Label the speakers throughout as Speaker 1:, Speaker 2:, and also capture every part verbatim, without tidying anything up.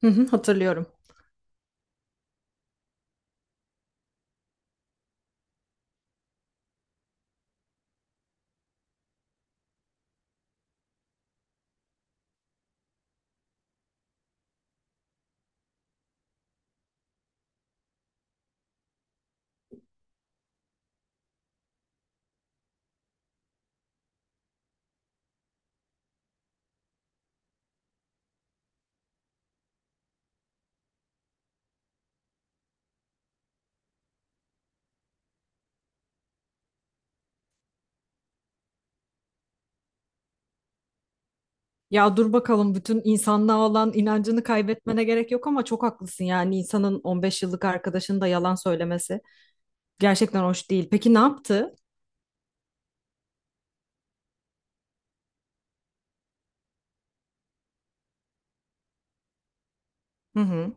Speaker 1: Hı hı, hatırlıyorum. Ya dur bakalım, bütün insanlığa olan inancını kaybetmene gerek yok ama çok haklısın, yani insanın on beş yıllık arkadaşının da yalan söylemesi gerçekten hoş değil. Peki ne yaptı? Hı hı.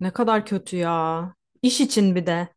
Speaker 1: Ne kadar kötü ya. İş için bir de.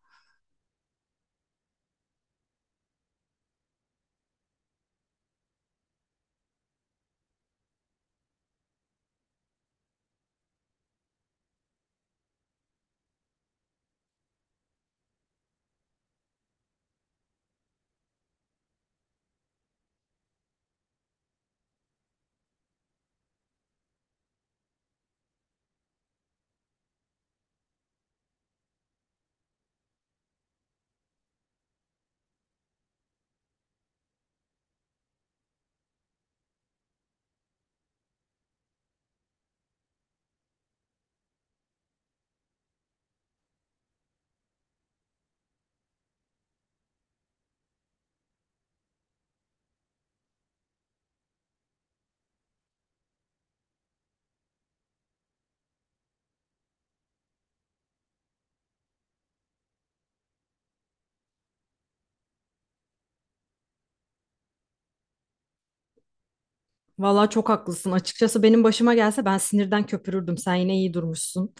Speaker 1: Vallahi çok haklısın. Açıkçası benim başıma gelse ben sinirden köpürürdüm. Sen yine iyi durmuşsun.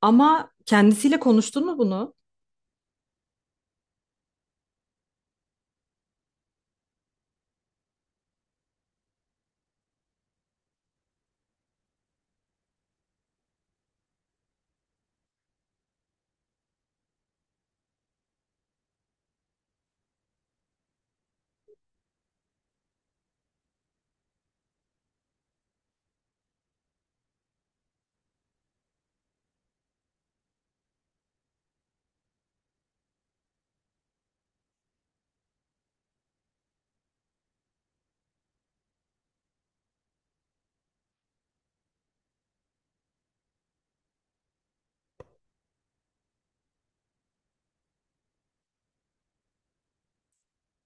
Speaker 1: Ama kendisiyle konuştun mu bunu?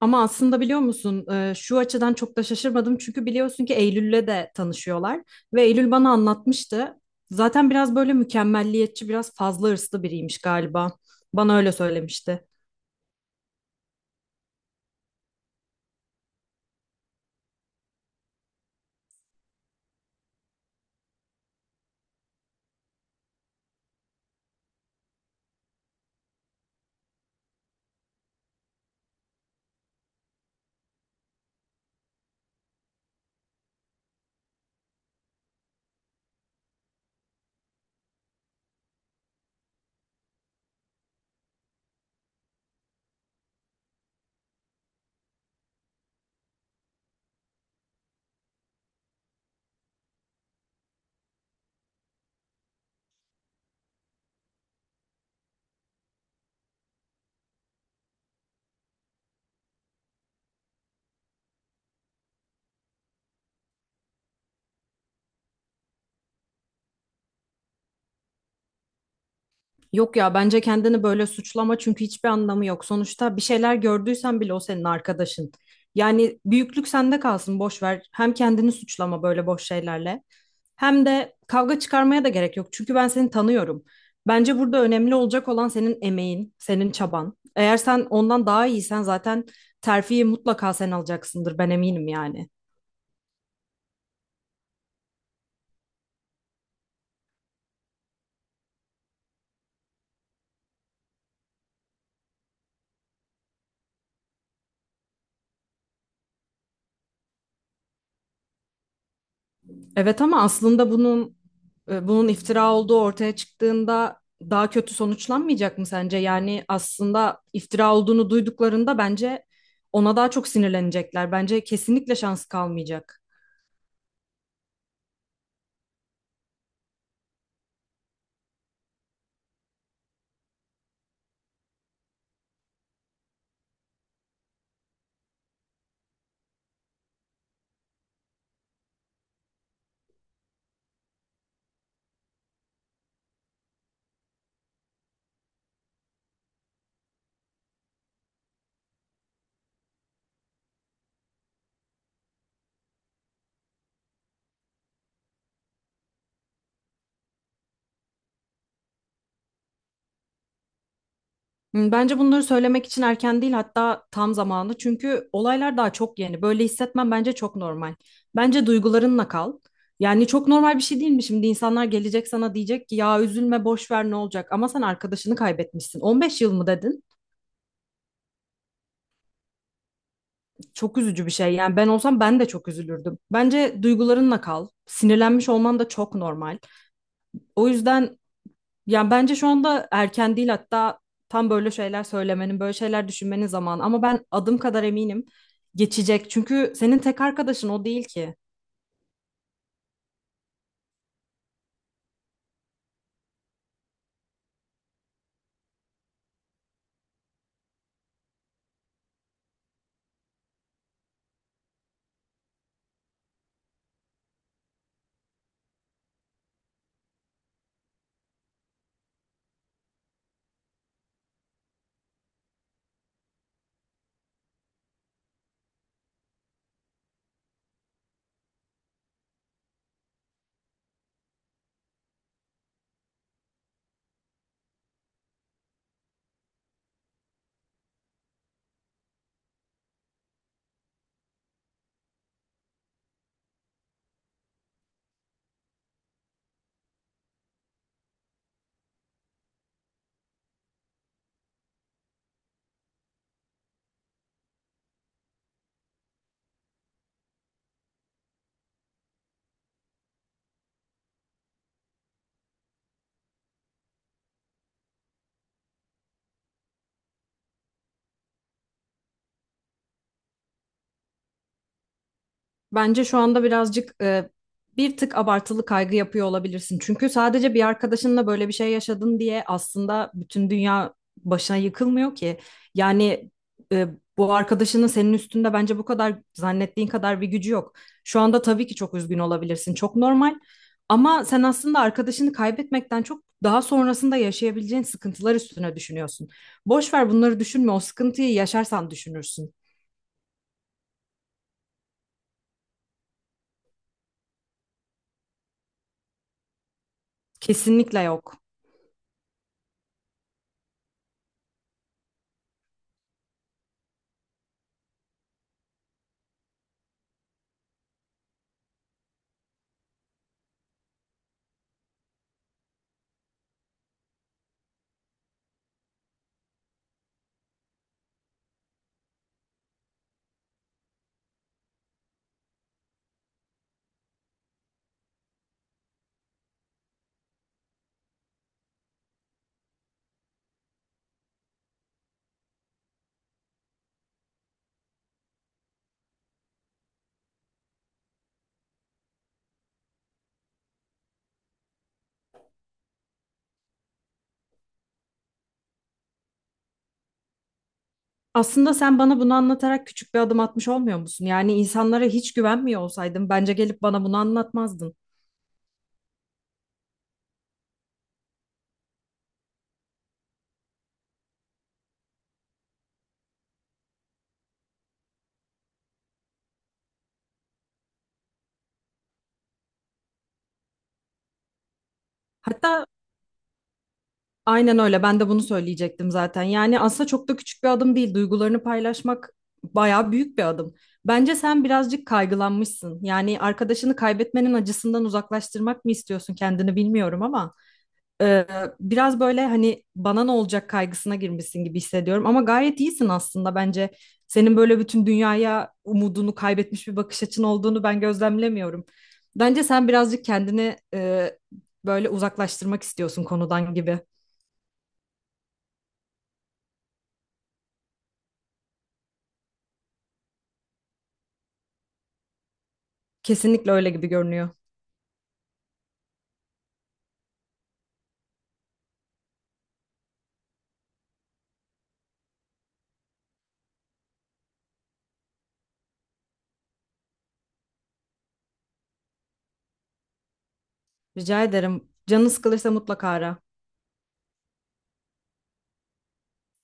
Speaker 1: Ama aslında biliyor musun, e, şu açıdan çok da şaşırmadım, çünkü biliyorsun ki Eylül'le de tanışıyorlar ve Eylül bana anlatmıştı. Zaten biraz böyle mükemmelliyetçi, biraz fazla hırslı biriymiş galiba. Bana öyle söylemişti. Yok ya, bence kendini böyle suçlama, çünkü hiçbir anlamı yok. Sonuçta bir şeyler gördüysen bile o senin arkadaşın. Yani büyüklük sende kalsın, boş ver. Hem kendini suçlama böyle boş şeylerle. Hem de kavga çıkarmaya da gerek yok. Çünkü ben seni tanıyorum. Bence burada önemli olacak olan senin emeğin, senin çaban. Eğer sen ondan daha iyisen zaten terfiyi mutlaka sen alacaksındır. Ben eminim yani. Evet, ama aslında bunun e, bunun iftira olduğu ortaya çıktığında daha kötü sonuçlanmayacak mı sence? Yani aslında iftira olduğunu duyduklarında bence ona daha çok sinirlenecekler. Bence kesinlikle şansı kalmayacak. Hmm. Bence bunları söylemek için erken değil, hatta tam zamanı. Çünkü olaylar daha çok yeni. Böyle hissetmen bence çok normal. Bence duygularınla kal. Yani çok normal bir şey değil mi? Şimdi insanlar gelecek sana diyecek ki, ya üzülme boş ver, ne olacak? Ama sen arkadaşını kaybetmişsin. on beş yıl mı dedin? Çok üzücü bir şey. Yani ben olsam ben de çok üzülürdüm. Bence duygularınla kal. Sinirlenmiş olman da çok normal. O yüzden, yani bence şu anda erken değil, hatta tam böyle şeyler söylemenin, böyle şeyler düşünmenin zamanı. Ama ben adım kadar eminim, geçecek. Çünkü senin tek arkadaşın o değil ki. Bence şu anda birazcık, e, bir tık abartılı kaygı yapıyor olabilirsin. Çünkü sadece bir arkadaşınla böyle bir şey yaşadın diye aslında bütün dünya başına yıkılmıyor ki. Yani e, bu arkadaşının senin üstünde bence bu kadar, zannettiğin kadar bir gücü yok. Şu anda tabii ki çok üzgün olabilirsin. Çok normal. Ama sen aslında arkadaşını kaybetmekten çok daha sonrasında yaşayabileceğin sıkıntılar üstüne düşünüyorsun. Boş ver, bunları düşünme. O sıkıntıyı yaşarsan düşünürsün. Kesinlikle yok. Aslında sen bana bunu anlatarak küçük bir adım atmış olmuyor musun? Yani insanlara hiç güvenmiyor olsaydın bence gelip bana bunu anlatmazdın. Hatta aynen öyle. Ben de bunu söyleyecektim zaten. Yani aslında çok da küçük bir adım değil. Duygularını paylaşmak bayağı büyük bir adım. Bence sen birazcık kaygılanmışsın. Yani arkadaşını kaybetmenin acısından uzaklaştırmak mı istiyorsun kendini, bilmiyorum ama. Ee, biraz böyle, hani bana ne olacak kaygısına girmişsin gibi hissediyorum ama gayet iyisin aslında bence. Senin böyle bütün dünyaya umudunu kaybetmiş bir bakış açın olduğunu ben gözlemlemiyorum. Bence sen birazcık kendini, e, böyle uzaklaştırmak istiyorsun konudan gibi. Kesinlikle öyle gibi görünüyor. Rica ederim. Canın sıkılırsa mutlaka ara.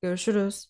Speaker 1: Görüşürüz.